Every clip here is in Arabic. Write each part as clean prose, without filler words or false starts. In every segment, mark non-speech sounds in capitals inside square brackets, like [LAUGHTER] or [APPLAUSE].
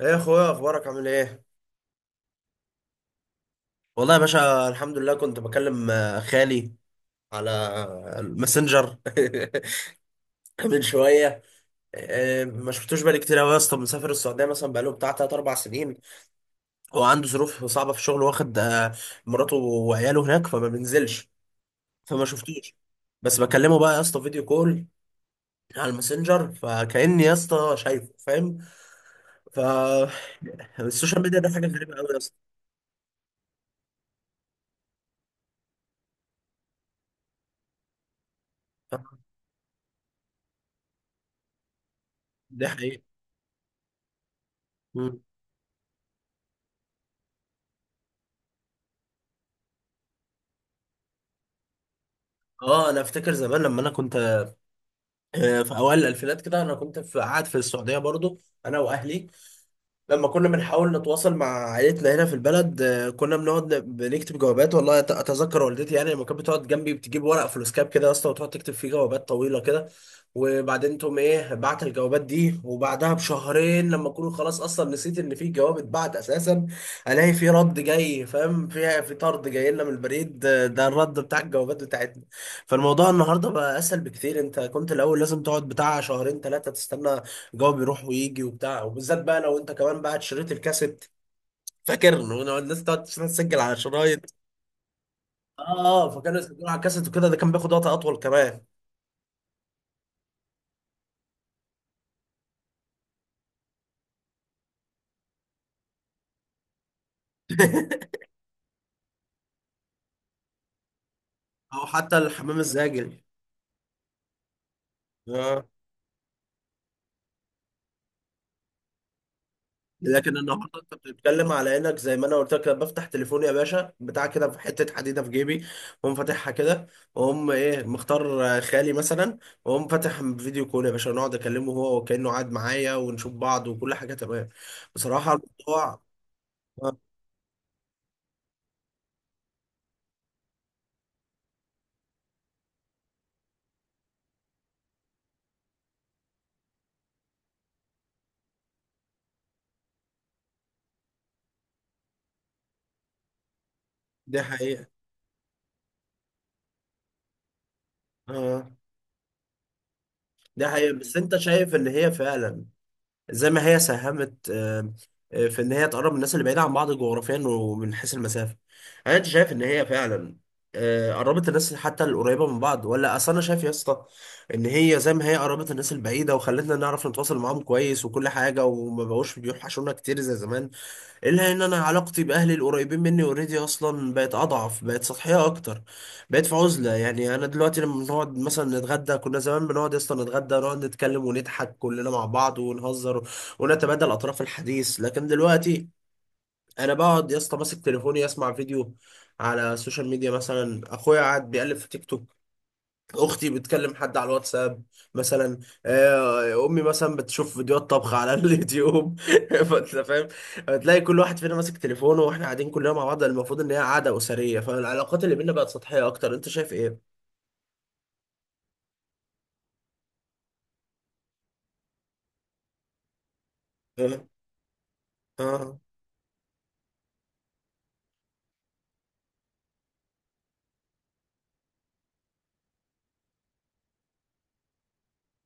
ايه يا اخويا، اخبارك؟ عامل ايه؟ والله يا باشا الحمد لله. كنت بكلم خالي على الماسنجر. [LAUGHS] من شويه. ما شفتوش بقالي كتير قوي يا اسطى، مسافر السعوديه مثلا بقاله بتاع 3 4 سنين. هو عنده ظروف صعبه في الشغل، واخد مراته وعياله هناك فما بينزلش. فما شفتوش. بس بكلمه بقى يا اسطى فيديو كول على الماسنجر، فكأني يا اسطى شايفه. فاهم؟ ف [LAUGHS] السوشيال ميديا ده حاجه غريبه قوي يا اسطى. دي حقيقة. مم. اه، انا افتكر زمان لما انا كنت في اوائل الالفينات كده، انا كنت قاعد في السعوديه برضو، انا واهلي. لما كنا بنحاول نتواصل مع عائلتنا هنا في البلد، كنا بنقعد بنكتب جوابات. والله اتذكر والدتي يعني لما كانت بتقعد جنبي بتجيب ورق فلوسكاب كده يا اسطى، وتقعد تكتب فيه جوابات طويله كده. وبعدين تقوم ايه، بعت الجوابات دي، وبعدها بشهرين لما اكون خلاص اصلا نسيت ان في جواب اتبعت اساسا، الاقي في رد جاي، فاهم؟ فيها في طرد جاي لنا من البريد، ده الرد بتاع الجوابات بتاعتنا. فالموضوع النهارده بقى اسهل بكتير. انت كنت الاول لازم تقعد بتاع شهرين 3 تستنى جو بيروح ويجي وبتاع. وبالذات بقى لو انت كمان بقى شريط الكاسيت، فاكر لو الناس تقعد تسجل على شرايط. اه. اه، فكانوا يسجلوا على الكاسيت وكده، ده كان بياخد وقت اطول كمان. [LAUGHS] او حتى الحمام الزاجل. اه. لكن النهارده انت بتتكلم على انك زي ما انا قلت لك، أنا بفتح تليفوني يا باشا بتاع كده في حته حديده في جيبي، واقوم فاتحها كده، واقوم ايه، مختار خالي مثلا، واقوم فاتح فيديو كول يا باشا، نقعد اكلمه هو وكانه قاعد معايا، ونشوف بعض وكل حاجه تمام بصراحه الموضوع. دي حقيقة. اه، دي حقيقة. بس انت شايف ان هي فعلا زي ما هي ساهمت في ان هي تقرب الناس اللي بعيدة عن بعض جغرافيا ومن حيث المسافة، انت شايف ان هي فعلا قربت الناس حتى القريبة من بعض؟ ولا اصل انا شايف يا اسطى ان هي زي ما هي قربت الناس البعيدة وخلتنا نعرف نتواصل معاهم كويس وكل حاجة وما بقوش بيوحشونا كتير زي زمان، الا ان انا علاقتي باهلي القريبين مني اوريدي اصلا بقت اضعف، بقت سطحيه اكتر، بقت في عزله. يعني انا دلوقتي لما بنقعد مثلا نتغدى، كنا زمان بنقعد اصلا نتغدى، نقعد نتكلم ونضحك كلنا مع بعض ونهزر ونتبادل اطراف الحديث. لكن دلوقتي انا بقعد يا اسطى ماسك تليفوني اسمع فيديو على السوشيال ميديا، مثلا اخويا قاعد بيقلب في تيك توك، اختي بتكلم حد على الواتساب مثلا، امي مثلا بتشوف فيديوهات طبخ على [LAUGHS] اليوتيوب. فانت فاهم، هتلاقي كل واحد فينا ماسك تليفونه واحنا قاعدين كلنا مع بعض، المفروض ان هي قعده اسريه. فالعلاقات اللي بينا بقت سطحيه اكتر. انت شايف ايه؟ اه، اه،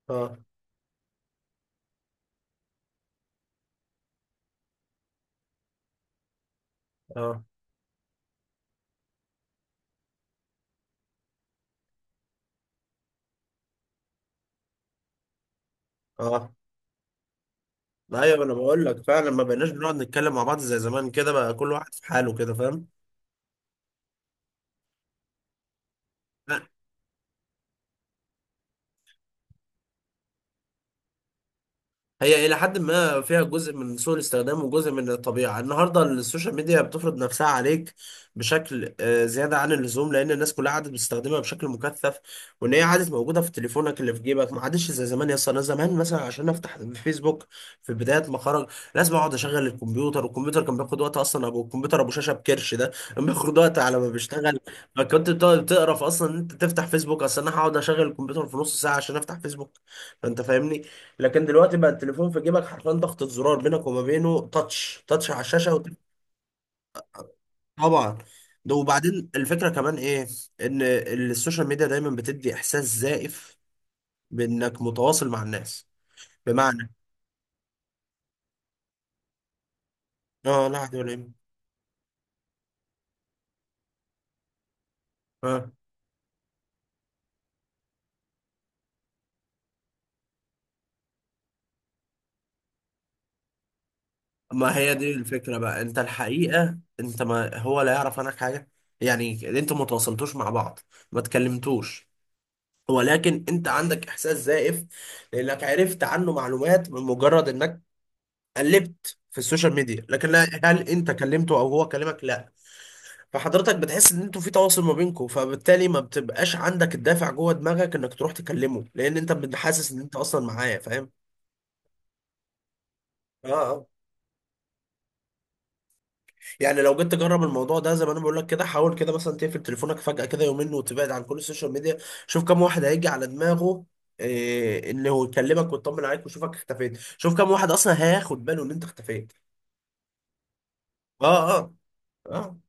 اه، اه، اه، ايوه انا بقول لك فعلا ما بقيناش بنقعد نتكلم مع بعض زي زمان كده، بقى كل واحد في حاله كده. فاهم؟ هي إلى حد ما فيها جزء من سوء الاستخدام وجزء من الطبيعة. النهاردة السوشيال ميديا بتفرض نفسها عليك بشكل زيادة عن اللزوم، لأن الناس كلها عادت بتستخدمها بشكل مكثف، وإن هي عادت موجودة في تليفونك اللي في جيبك. ما عادش زي زمان يا اسطى، أنا زمان مثلا عشان أفتح فيسبوك في بداية ما خرج، لازم أقعد أشغل الكمبيوتر، والكمبيوتر كان بياخد وقت أصلا. أبو الكمبيوتر أبو شاشة بكرش ده كان بياخد وقت على ما بيشتغل. فكنت بتقعد تقرف أصلا إن أنت تفتح فيسبوك أصلا، أنا هقعد أشغل الكمبيوتر في نص ساعة عشان أفتح فيسبوك. فأنت فاهمني. لكن دلوقتي بقى التليفون في جيبك، حرفيا ضغطة زرار بينك وما بينه، تاتش تاتش على الشاشة طبعا. ده وبعدين الفكرة كمان ايه، ان السوشيال ميديا دايما بتدي احساس زائف بانك متواصل مع الناس، بمعنى، اه لا حد ولا إيه. اه، ما هي دي الفكرة بقى. انت الحقيقة، انت ما هو لا يعرف عنك حاجة، يعني انت ما تواصلتوش مع بعض، ما تكلمتوش، ولكن انت عندك احساس زائف لانك عرفت عنه معلومات من مجرد انك قلبت في السوشيال ميديا. لكن هل انت كلمته او هو كلمك؟ لا. فحضرتك بتحس ان انتوا في تواصل ما بينكم، فبالتالي ما بتبقاش عندك الدافع جوه دماغك انك تروح تكلمه، لان انت بتحسس ان انت اصلا معاه. فاهم؟ اه، اه، يعني لو جيت تجرب الموضوع ده زي ما انا بقول لك كده، حاول كده مثلا تقفل تليفونك فجأة كده يومين وتبعد عن كل السوشيال ميديا، شوف كم واحد هيجي على دماغه إيه انه يكلمك ويطمن عليك، ويشوفك اختفيت. شوف كم واحد اصلا هياخد باله ان انت اختفيت. اه، اه، اه،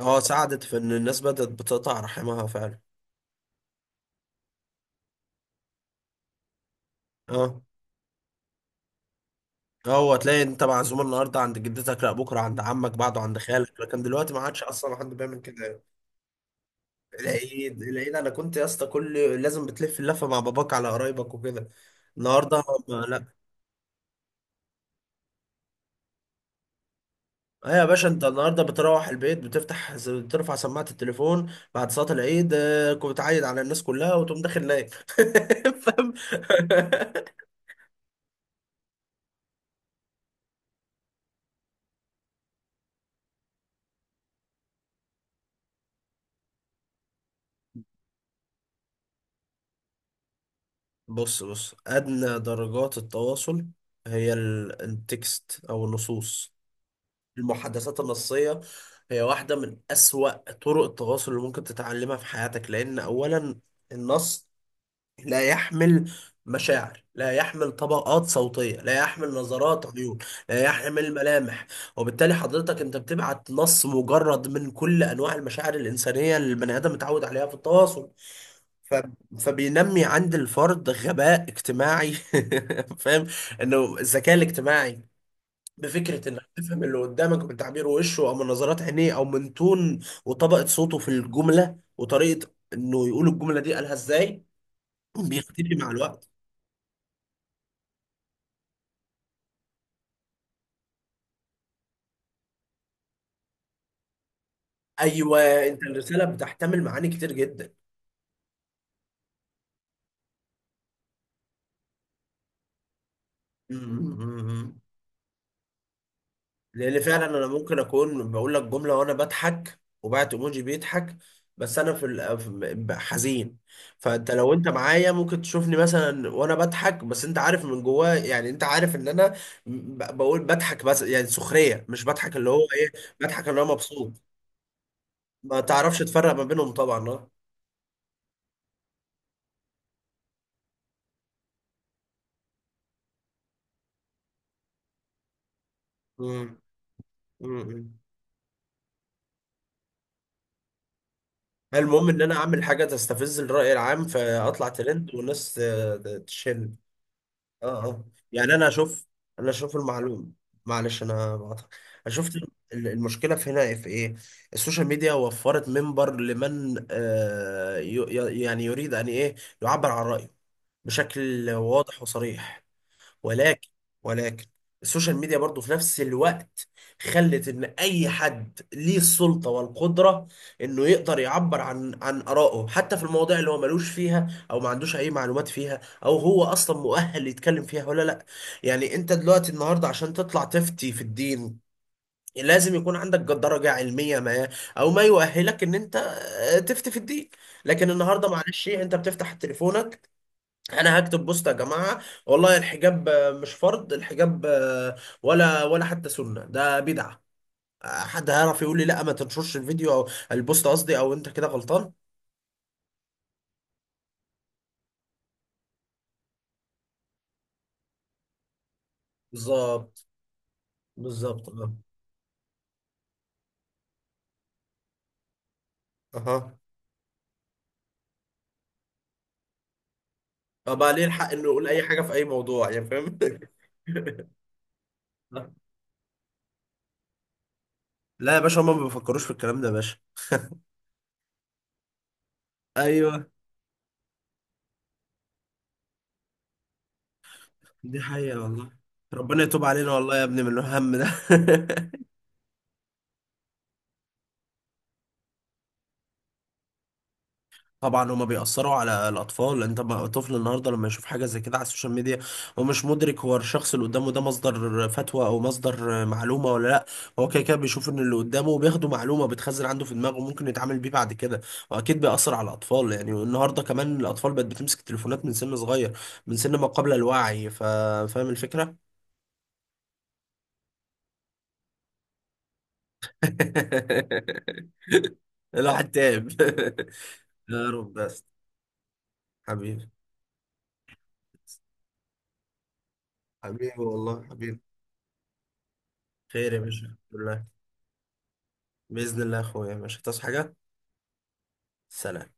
اه، ساعدت في ان الناس بدأت بتقطع رحمها فعلا. اه. هو تلاقي انت معزوم النهارده عند جدتك، لا بكره عند عمك، بعده عند خالك. لكن دلوقتي ما عادش اصلا حد بيعمل كده. العيد، انا كنت يا اسطى كل، لازم بتلف اللفه مع باباك على قرايبك وكده. النهارده ما لا. ايه يا باشا، انت النهارده بتروح البيت بتفتح بترفع سماعه التليفون بعد صلاه العيد. كنت بتعيد على الناس كلها وتقوم داخل نايم. [LAUGHS] فاهم؟ بص بص، أدنى درجات التواصل هي التكست أو النصوص، المحادثات النصية، هي واحدة من أسوأ طرق التواصل اللي ممكن تتعلمها في حياتك. لأن أولا، النص لا يحمل مشاعر، لا يحمل طبقات صوتية، لا يحمل نظرات عيون، لا يحمل ملامح. وبالتالي حضرتك أنت بتبعت نص مجرد من كل أنواع المشاعر الإنسانية اللي البني آدم متعود عليها في التواصل. ف... فبينمي عند الفرد غباء اجتماعي. [LAUGHS] فاهم؟ انه الذكاء الاجتماعي بفكره انك تفهم اللي قدامك من تعبير وشه، او من نظرات عينيه، او من تون وطبقه صوته في الجمله، وطريقه انه يقول الجمله دي قالها ازاي، بيختفي مع الوقت. ايوه، انت الرساله بتحتمل معاني كتير جدا. [LAUGHS] لان فعلا انا ممكن اكون بقول لك جمله وانا بضحك وبعت ايموجي بيضحك، بس انا في حزين. فانت لو انت معايا ممكن تشوفني مثلا وانا بضحك، بس انت عارف من جواه، يعني انت عارف ان انا بقول بضحك، بس يعني سخريه، مش بضحك اللي هو ايه، بضحك اللي هو مبسوط. ما تعرفش تفرق ما بينهم طبعا. اه. مم. مم. المهم ان انا اعمل حاجه تستفز الراي العام، فاطلع ترند، والناس تشن. اه، اه، يعني انا اشوف المعلوم. معلش انا بقطع. انا شفت المشكله في هنا في ايه. السوشيال ميديا وفرت منبر لمن يعني يريد ان ايه، يعبر عن رايه بشكل واضح وصريح. ولكن ولكن السوشيال ميديا برضو في نفس الوقت خلت ان اي حد ليه السلطة والقدرة انه يقدر يعبر عن ارائه، حتى في المواضيع اللي هو ملوش فيها، او ما عندوش اي معلومات فيها، او هو اصلا مؤهل يتكلم فيها ولا لا. يعني انت دلوقتي النهاردة عشان تطلع تفتي في الدين، لازم يكون عندك درجة علمية ما، او ما يؤهلك ان انت تفتي في الدين. لكن النهاردة معلش إيه، انت بتفتح تليفونك، انا هكتب بوست يا جماعه، والله الحجاب مش فرض، الحجاب ولا حتى سنه، ده بدعه، حد هيعرف يقول لي لا ما تنشرش الفيديو او البوست قصدي، او انت كده غلطان؟ بالظبط، بالظبط، اه، اها، بقى ليه الحق انه يقول اي حاجه في اي موضوع، يعني فاهم؟ [LAUGHS] لا يا باشا، هما ما بيفكروش في الكلام ده يا باشا. ايوه. دي حقيقة والله. ربنا يتوب علينا والله يا ابني من الهم ده. [LAUGHS] طبعا هما بيأثروا على الأطفال. أنت طفل النهاردة لما يشوف حاجة زي كده على السوشيال ميديا، هو مش مدرك هو الشخص اللي قدامه ده مصدر فتوى أو مصدر معلومة ولا لأ. هو كده كده بيشوف إن اللي قدامه بياخده معلومة بتخزن عنده في دماغه، ممكن يتعامل بيه بعد كده. وأكيد بيأثر على الأطفال. يعني النهاردة كمان الأطفال بقت بتمسك تليفونات من سن صغير، من سن ما قبل الوعي. فاهم الفكرة؟ [LAUGHS] الواحد تعب. [LAUGHS] يا رب بس. حبيبي. حبيبي، والله حبيبي. خير يا باشا، الحمد لله. بإذن الله يا أخويا، مش هتصحى حاجة. سلام